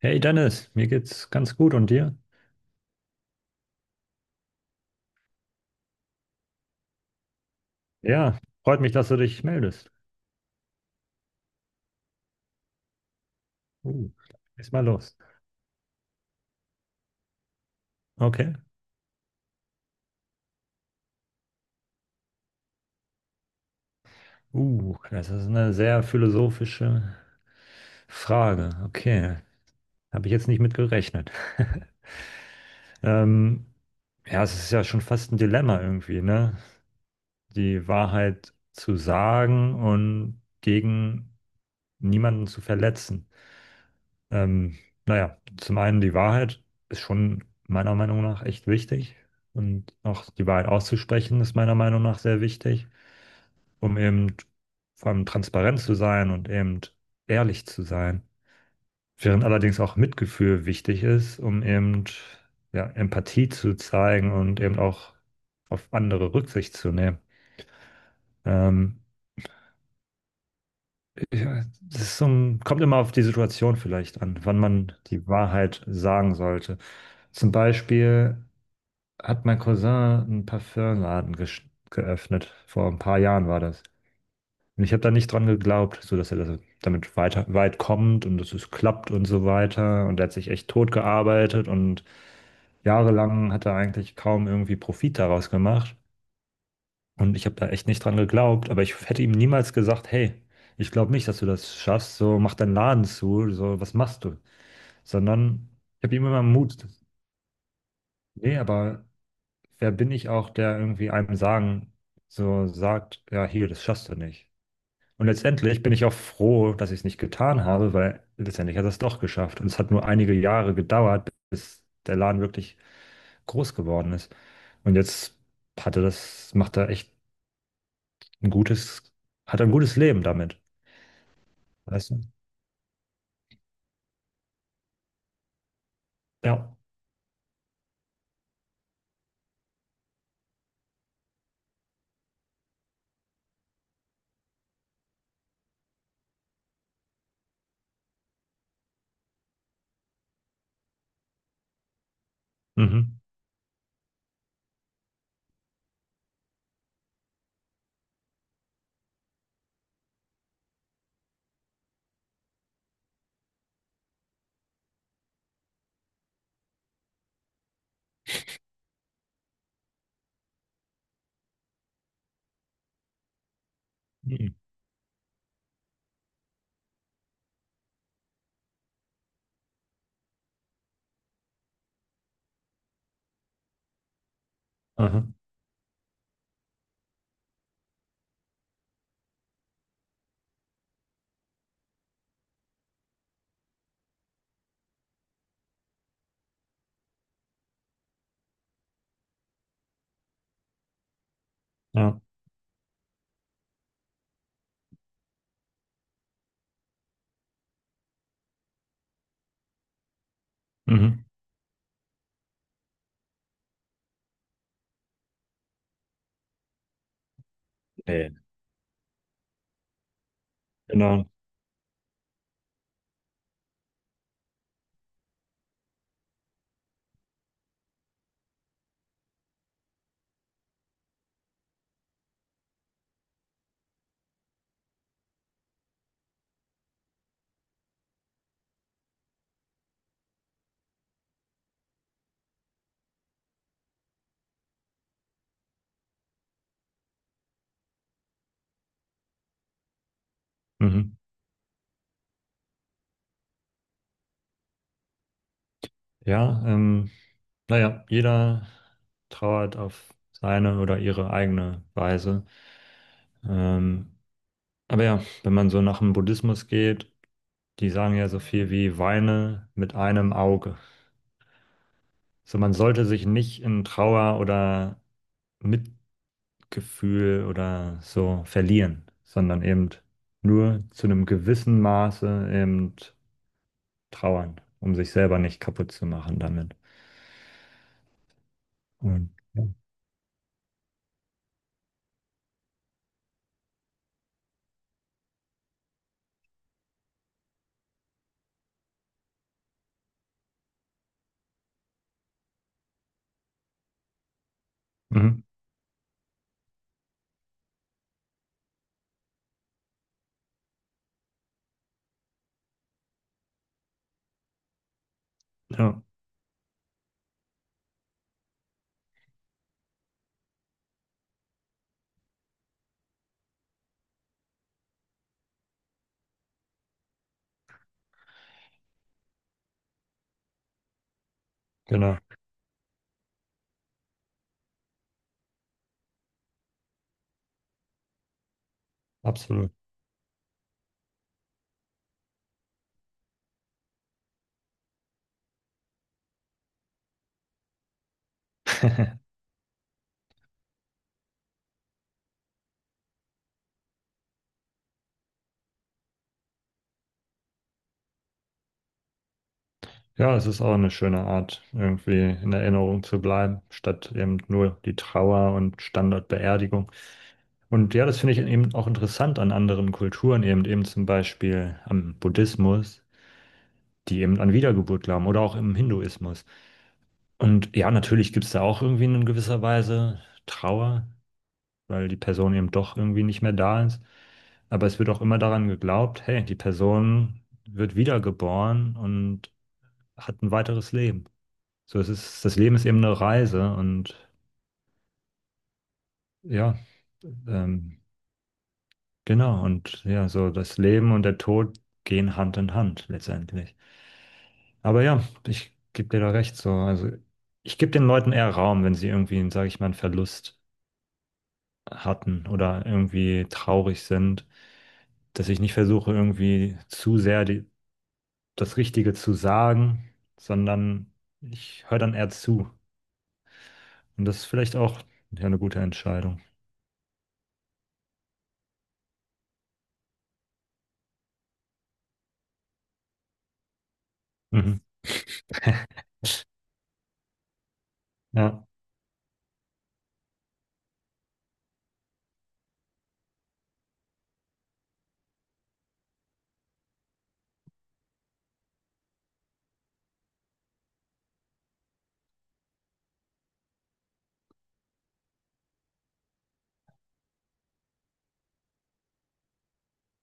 Hey Dennis, mir geht's ganz gut und dir? Ja, freut mich, dass du dich meldest. Uh, Ist mal los. Okay. Das ist eine sehr philosophische Frage. Okay, habe ich jetzt nicht mit gerechnet. Ähm, ja, es ist ja schon fast ein Dilemma irgendwie, ne? Die Wahrheit zu sagen und gegen niemanden zu verletzen. Ähm, naja, zum einen die Wahrheit ist schon meiner Meinung nach echt wichtig und auch die Wahrheit auszusprechen ist meiner Meinung nach sehr wichtig, um eben vor allem transparent zu sein und eben ehrlich zu sein. Während allerdings auch Mitgefühl wichtig ist, um eben ja, Empathie zu zeigen und eben auch auf andere Rücksicht zu nehmen. Ähm, ja, das ist so ein, kommt immer auf die Situation vielleicht an, wann man die Wahrheit sagen sollte. Zum Beispiel hat mein Cousin einen Parfümladen geöffnet. Vor ein paar Jahren war das. Und ich habe da nicht dran geglaubt, so dass er damit weit kommt und dass es klappt und so weiter. Und er hat sich echt tot gearbeitet und jahrelang hat er eigentlich kaum irgendwie Profit daraus gemacht. Und ich habe da echt nicht dran geglaubt, aber ich hätte ihm niemals gesagt, hey, ich glaube nicht, dass du das schaffst, so mach deinen Laden zu, so was machst du? Sondern ich habe ihm immer Mut. Nee, aber wer bin ich auch, der irgendwie einem sagen, so sagt, ja, hier, das schaffst du nicht. Und letztendlich bin ich auch froh, dass ich es nicht getan habe, weil letztendlich hat er es doch geschafft. Und es hat nur einige Jahre gedauert, bis der Laden wirklich groß geworden ist. Und jetzt macht er echt ein gutes, hat er ein gutes Leben damit. Weißt du? Ja. Mhm. Mhm. Aha. Ja. Mhm. Nee. Genau. Mhm. Ja, naja, jeder trauert auf seine oder ihre eigene Weise. Ähm, aber ja, wenn man so nach dem Buddhismus geht, die sagen ja so viel wie weine mit einem Auge. So, man sollte sich nicht in Trauer oder Mitgefühl oder so verlieren, sondern eben nur zu einem gewissen Maße eben trauern, um sich selber nicht kaputt zu machen damit. Und ja, mhm. Ja, genau, absolut. Ja, es ist auch eine schöne Art, irgendwie in Erinnerung zu bleiben, statt eben nur die Trauer und Standardbeerdigung. Und ja, das finde ich eben auch interessant an anderen Kulturen, eben eben zum Beispiel am Buddhismus, die eben an Wiedergeburt glauben oder auch im Hinduismus. Und ja, natürlich gibt es da auch irgendwie in gewisser Weise Trauer, weil die Person eben doch irgendwie nicht mehr da ist. Aber es wird auch immer daran geglaubt, hey, die Person wird wiedergeboren und hat ein weiteres Leben. So, es ist, das Leben ist eben eine Reise und ja, ähm, genau, und ja, so das Leben und der Tod gehen Hand in Hand letztendlich. Aber ja, ich gebe dir da recht, so, also ich gebe den Leuten eher Raum, wenn sie irgendwie, sage ich mal, einen Verlust hatten oder irgendwie traurig sind, dass ich nicht versuche, irgendwie zu sehr die, das Richtige zu sagen, sondern ich höre dann eher zu. Und das ist vielleicht auch ja, eine gute Entscheidung. Mhm. Ja,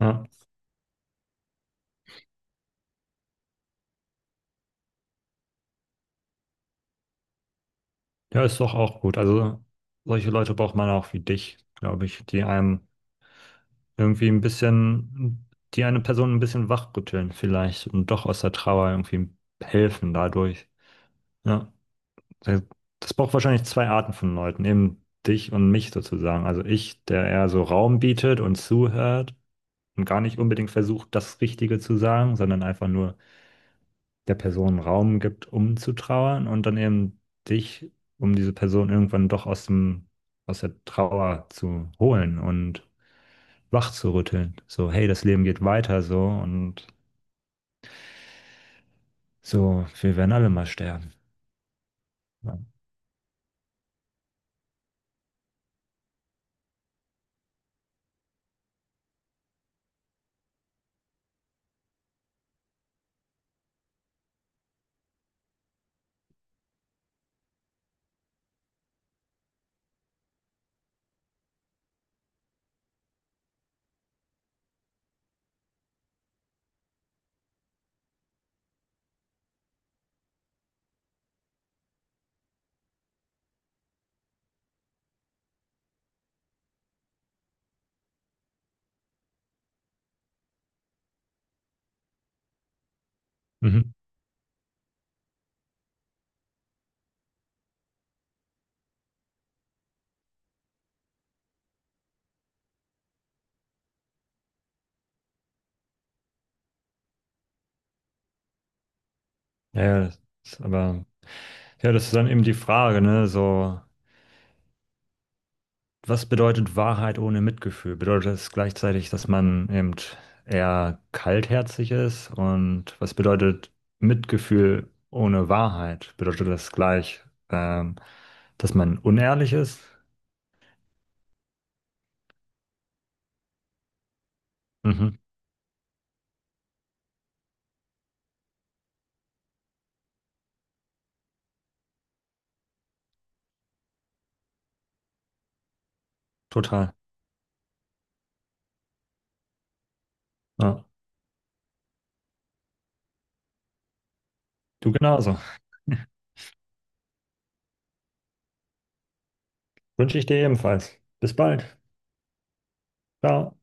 ja. Ja, ist doch auch gut. Also solche Leute braucht man auch wie dich, glaube ich, die einem irgendwie ein bisschen, die eine Person ein bisschen wachrütteln vielleicht und doch aus der Trauer irgendwie helfen dadurch. Ja, das das braucht wahrscheinlich zwei Arten von Leuten, eben dich und mich sozusagen. Also ich, der eher so Raum bietet und zuhört und gar nicht unbedingt versucht, das Richtige zu sagen, sondern einfach nur der Person Raum gibt, um zu trauern und dann eben dich, um diese Person irgendwann doch aus dem, aus der Trauer zu holen und wach zu rütteln. So, hey, das Leben geht weiter so und so, wir werden alle mal sterben. Ja, mhm. Ja ja, das ist aber, ja, das ist dann eben die Frage, ne, so, was bedeutet Wahrheit ohne Mitgefühl? Bedeutet es gleichzeitig, dass man eben eher kaltherzig ist? Und was bedeutet Mitgefühl ohne Wahrheit? Bedeutet das gleich, ähm, dass man unehrlich ist? Mhm, total. Ja, du genauso. Wünsche ich dir ebenfalls. Bis bald. Ciao.